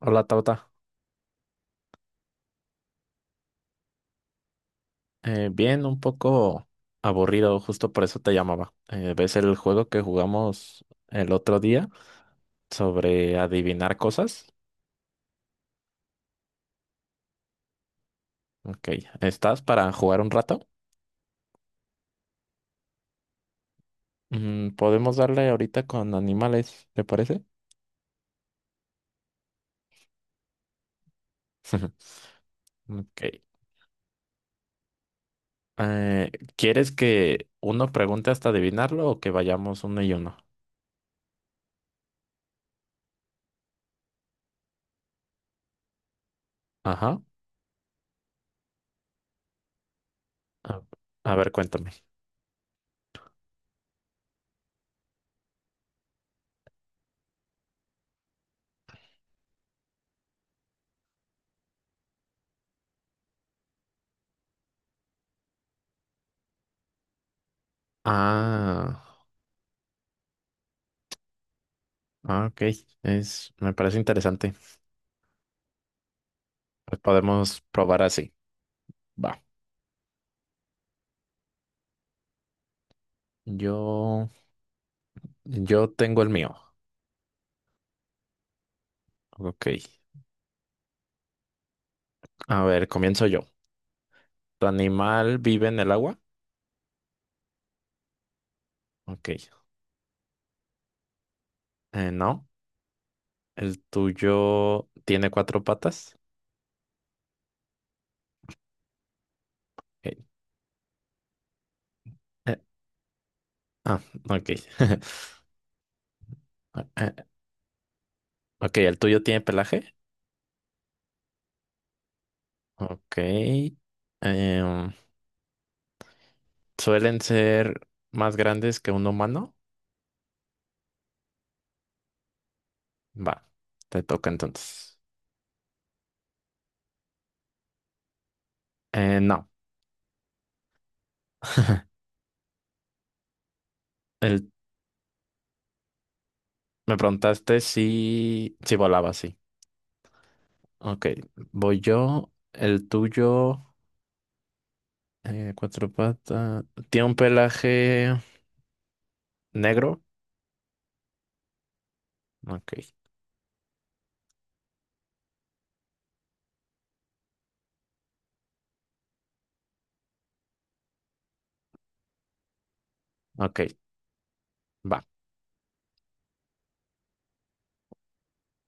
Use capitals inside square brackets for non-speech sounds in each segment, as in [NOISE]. Hola, Tauta. Bien, un poco aburrido, justo por eso te llamaba. ¿Ves el juego que jugamos el otro día sobre adivinar cosas? Ok, ¿estás para jugar un rato? Podemos darle ahorita con animales, ¿te parece? [LAUGHS] Ok. Eh, ¿Quieres que uno pregunte hasta adivinarlo o que vayamos uno y uno? Ajá. A, a ver, cuéntame. Ah, ah, ok. Me parece interesante. Pues podemos probar así. Va. Yo, yo tengo el mío. Ok. A ver, comienzo yo. ¿Tu animal vive en el agua? Ok. No. ¿El tuyo tiene cuatro patas? Ok. Eh, ah, ok. [LAUGHS] Ah, Eh, Ok, ¿el tuyo tiene pelaje? Ok. Em, ¿Suelen ser más grandes que un humano? Va, te toca entonces. No. El, me preguntaste si volaba, sí. Ok, voy yo. ¿El tuyo? Cuatro patas. Tiene un pelaje negro. Ok, ok, va.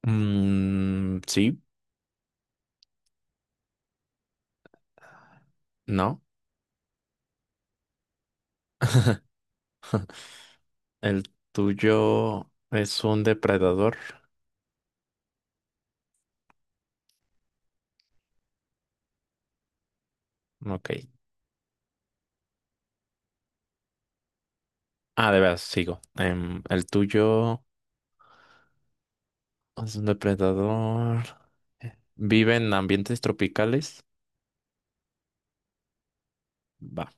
Mm, sí, no. El tuyo es un depredador. Ok. Ah, de veras, sigo. El tuyo es un depredador. ¿Vive en ambientes tropicales? Va.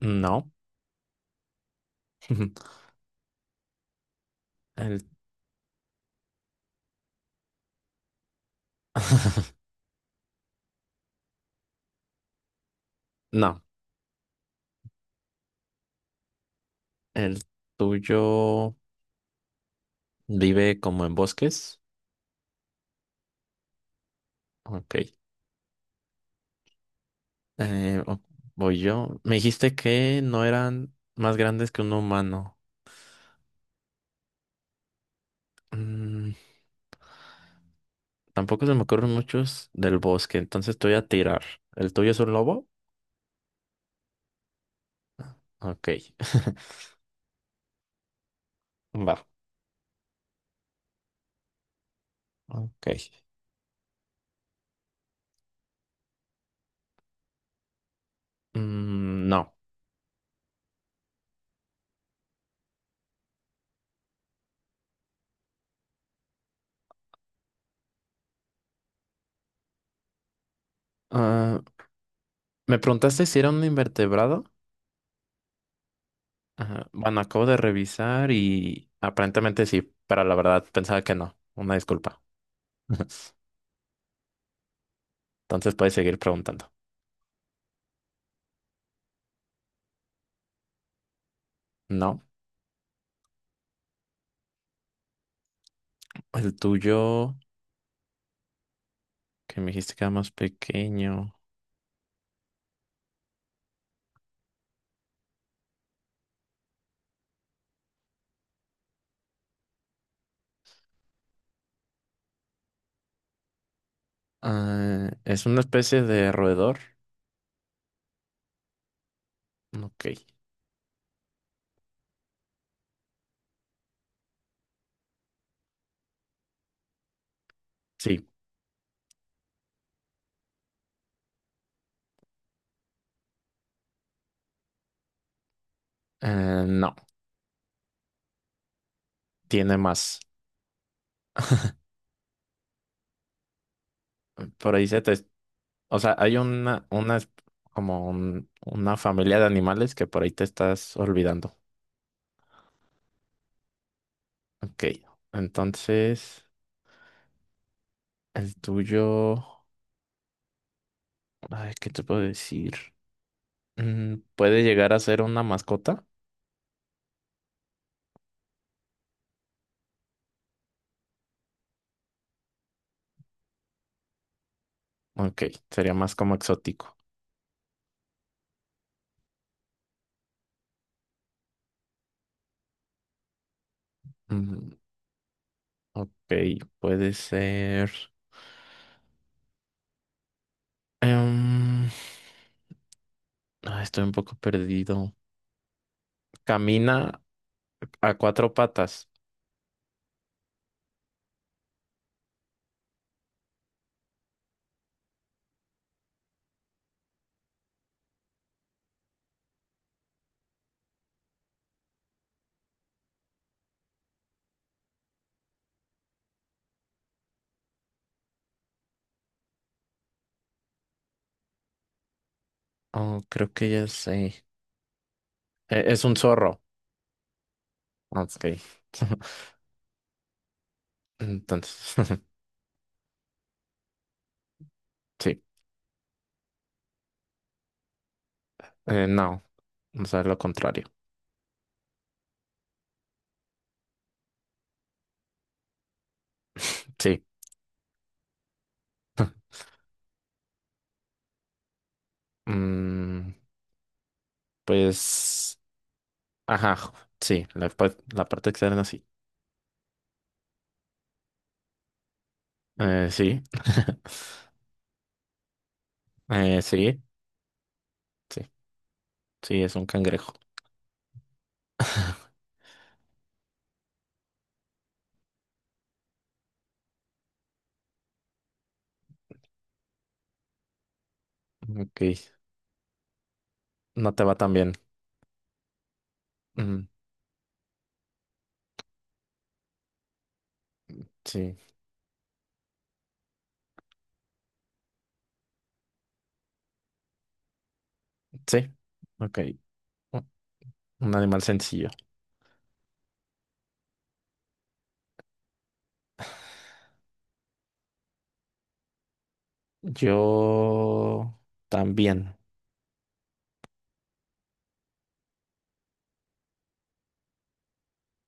No. [LAUGHS] El... [LAUGHS] No. El tuyo vive como en bosques. Ok. Eh, o- Voy yo. Me dijiste que no eran más grandes que un humano. Mm, Tampoco se me ocurren muchos del bosque, entonces te voy a tirar. ¿El tuyo es un lobo? Ok. [LAUGHS] Va. Ok. Mm, no. Ah, me preguntaste si era un invertebrado. Ajá. Bueno, acabo de revisar y aparentemente sí, pero la verdad pensaba que no. Una disculpa. [LAUGHS] Entonces puedes seguir preguntando. No. El tuyo, que me dijiste que era más pequeño. Ah, ¿es una especie de roedor? Ok, sí. No, tiene más. Por ahí se te... O sea, hay una una familia de animales que por ahí te estás olvidando. Ok, entonces el tuyo... Ay, ¿qué te puedo decir? ¿Puede llegar a ser una mascota? Ok, sería más como exótico. Mm, ok, puede ser... em, Estoy un poco perdido. Camina a cuatro patas. Oh, creo que ya sé. Es un zorro. Ok. [LAUGHS] Entonces, [LAUGHS] sí. No. O sea, lo contrario. [LAUGHS] Sí. Mm, pues, ajá. Sí, la, la parte externa sí. Sí. [LAUGHS] Sí. Sí. Sí, es un cangrejo. Ok. No te va tan bien. Mm, sí. Sí. Ok. Un un animal sencillo. Yo también.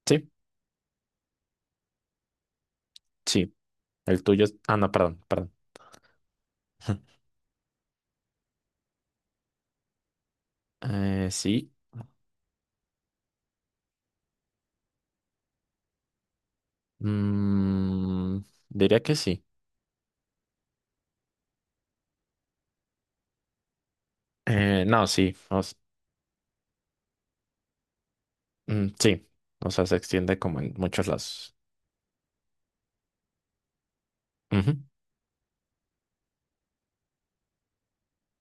Sí, sí. El tuyo es... Ah, no, perdón. [LAUGHS] Sí. Mm, Diría que sí. No, sí. Sí. O sea, se extiende como en muchos lados. Ujú,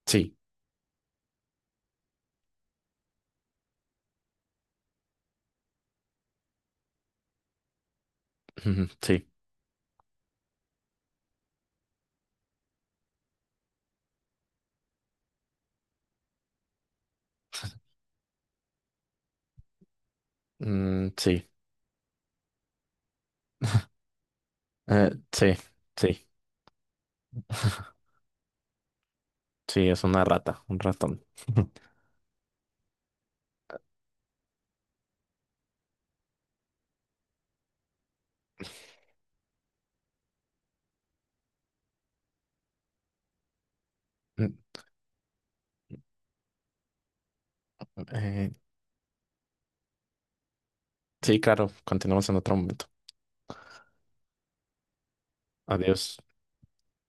sí. Ujú, sí. Mm, sí. Eh, sí. Sí. [LAUGHS] Sí, es una rata, un ratón. [LAUGHS] Mm, eh, sí, claro. Continuamos en otro momento. Adiós.